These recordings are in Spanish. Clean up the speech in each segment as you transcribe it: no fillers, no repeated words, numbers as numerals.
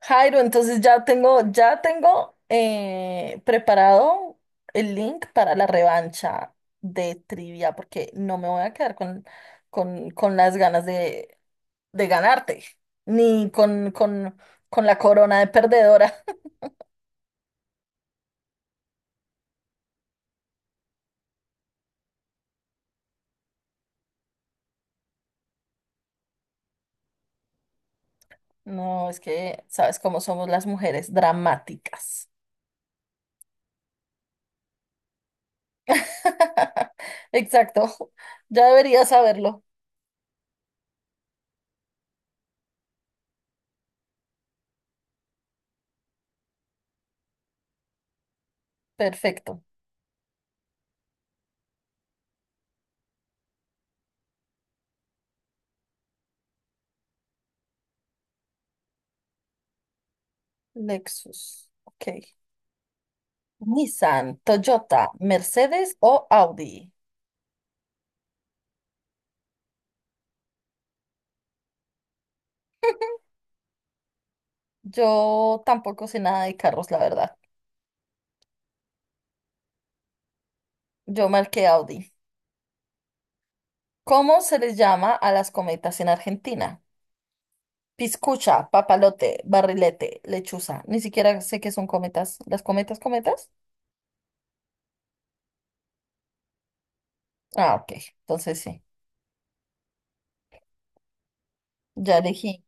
Jairo, entonces ya tengo preparado el link para la revancha de trivia, porque no me voy a quedar con las ganas de ganarte, ni con la corona de perdedora. No, es que sabes cómo somos las mujeres, dramáticas. Exacto, ya debería saberlo. Perfecto. Lexus. Ok. Nissan, Toyota, Mercedes o Audi. Yo tampoco sé nada de carros, la verdad. Yo marqué Audi. ¿Cómo se les llama a las cometas en Argentina? Piscucha, papalote, barrilete, lechuza. Ni siquiera sé qué son cometas. ¿Las cometas, cometas? Ah, ok. Entonces sí. Ya elegí.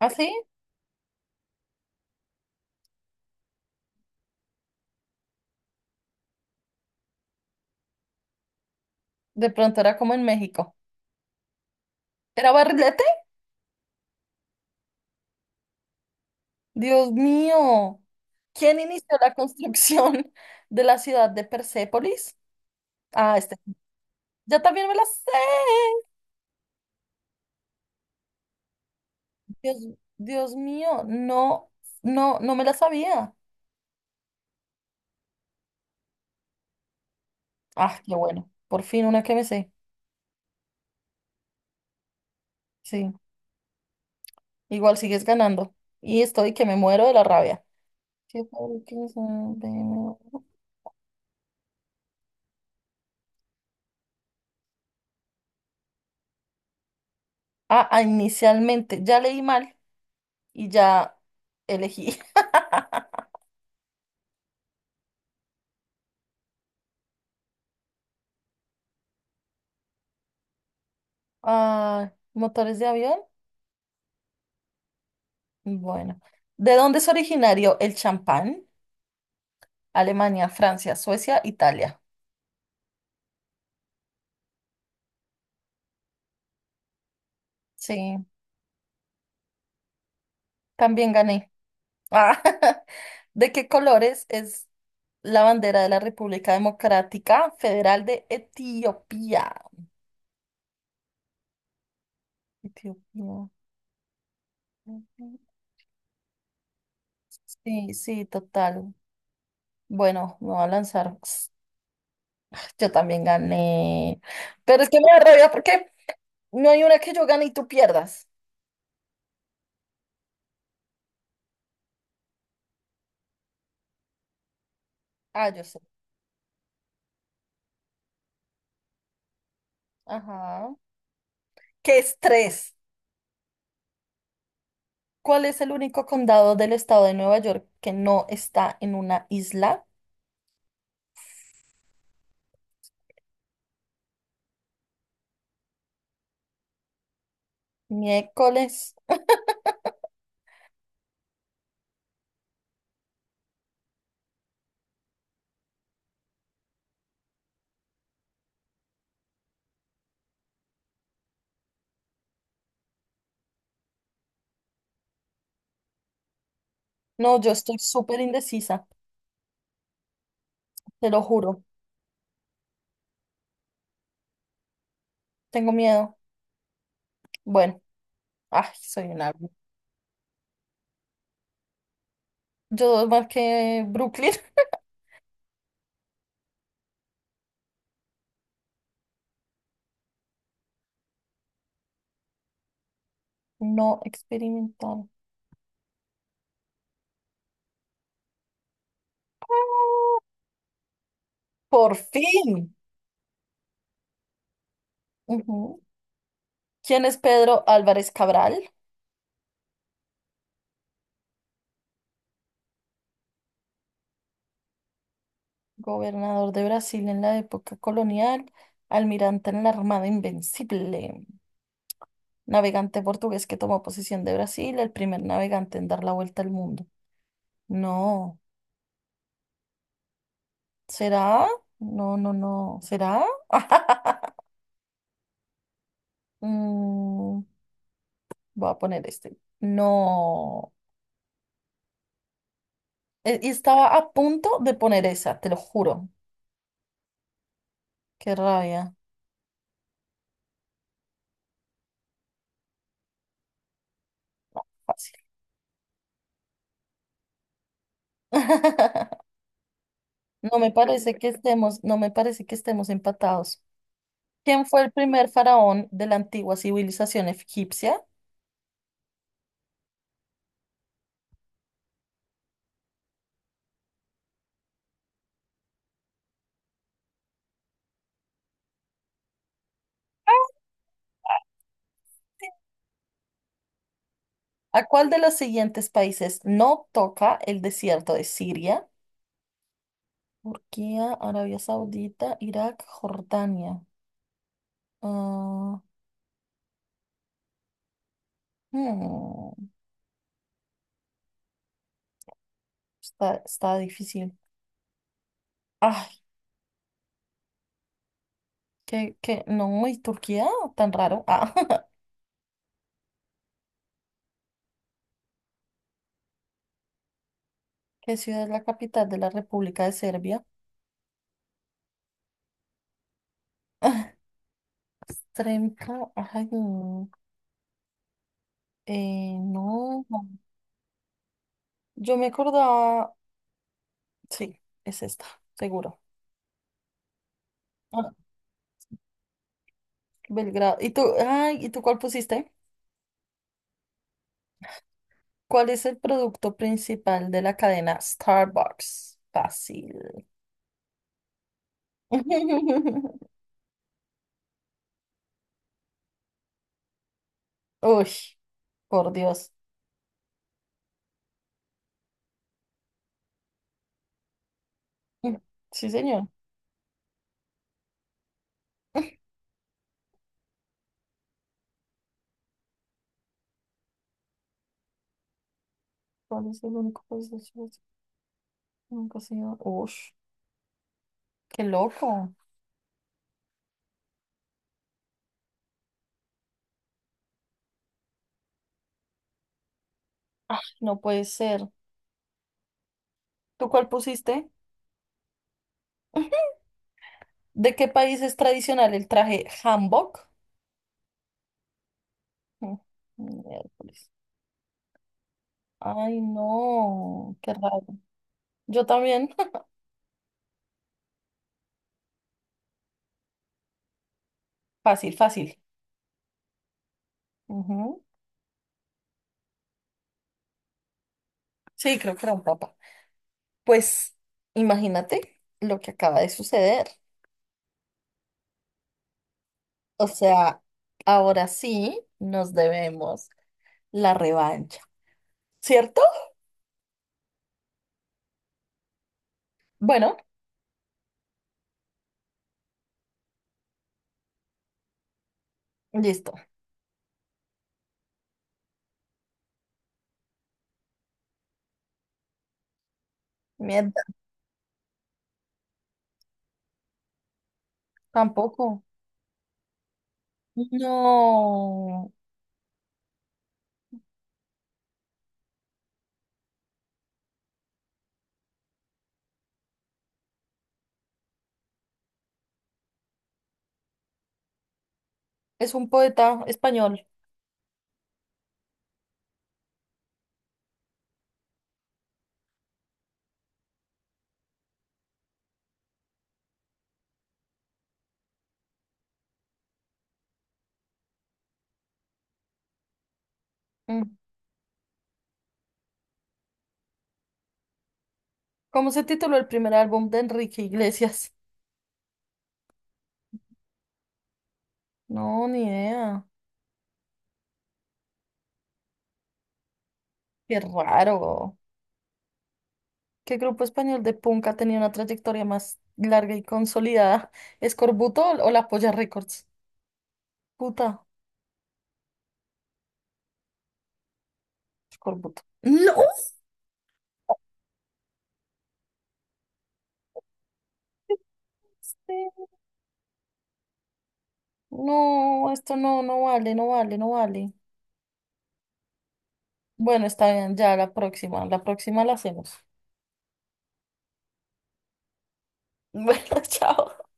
¿Ah, sí? De pronto era como en México. ¿Era barrilete? Dios mío. ¿Quién inició la construcción de la ciudad de Persépolis? Ah, este. Yo también me la sé. Dios, Dios mío, no me la sabía. Ah, qué bueno. Por fin una que me sé. Sí, igual sigues ganando. Y estoy que me muero de la rabia. ¿Qué fue que hizo el primero? Ah, ah, inicialmente. Ya leí mal y ya elegí. Ah, motores de avión. Bueno. ¿De dónde es originario el champán? Alemania, Francia, Suecia, Italia. Sí, también gané. Ah, ¿de qué colores es la bandera de la República Democrática Federal de Etiopía? Etiopía. Ujú. Sí, sí, total. Bueno, me va a lanzar. Ps, yo también gané. Pero es que me da rabia porque no hay una que yo gane y tú pierdas. Ah, yo sé. Ajá. ¿Qué estrés? ¿Cuál es el único condado del estado de Nueva York que no está en una isla? Miércoles. No, yo estoy súper indecisa. Te lo juro, tengo miedo. Bueno, ay, soy un árbol. Yo más que Brooklyn. No experimentaron. Por fin. Ujú. ¿Quién es Pedro Álvarez Cabral? Gobernador de Brasil en la época colonial, almirante en la Armada Invencible, navegante portugués que tomó posesión de Brasil, el primer navegante en dar la vuelta al mundo. No, ¿será? No, no, no, ¿será? Mm, voy a poner este. No. Y estaba a punto de poner esa, te lo juro. Qué rabia. Fácil. No me parece que estemos, no me parece que estemos empatados. ¿Quién fue el primer faraón de la antigua civilización egipcia? ¿A cuál de los siguientes países no toca el desierto de Siria? Turquía, Arabia Saudita, Irak, Jordania. Ah, hmm, está difícil. Ay, que no, ¿y Turquía? Tan raro. Ah. ¿Qué ciudad es la capital de la República de Serbia? Sremka, ay, no, no. Yo me acordaba, sí, es esta, seguro. Ah, Belgrado. ¿Y tú cuál pusiste? ¿Cuál es el producto principal de la cadena Starbucks? Fácil. Uy, por Dios. Sí, señor. ¿Cuál es el único país de Chile que nunca se iba? Ush, qué loco. Ay, no puede ser. ¿Tú cuál pusiste? ¿De qué país es tradicional el traje hanbok? Mm, miércoles. Ay, no, qué raro. Yo también. Fácil, fácil. Ujú. Sí, creo que era un papa. Pues imagínate lo que acaba de suceder. O sea, ahora sí nos debemos la revancha, ¿cierto? Bueno, listo. Mierda, tampoco. No, es un poeta español. Mm. ¿Cómo se tituló el primer álbum de Enrique Iglesias? No, ni idea. Qué raro. ¿Qué grupo español de punk ha tenido una trayectoria más larga y consolidada? ¿Escorbuto o la Polla Records? Puta, Escorbuto. ¡No! Sí. No, esto no, no vale. Bueno, está bien, ya la próxima, la próxima la hacemos. Bueno, chao.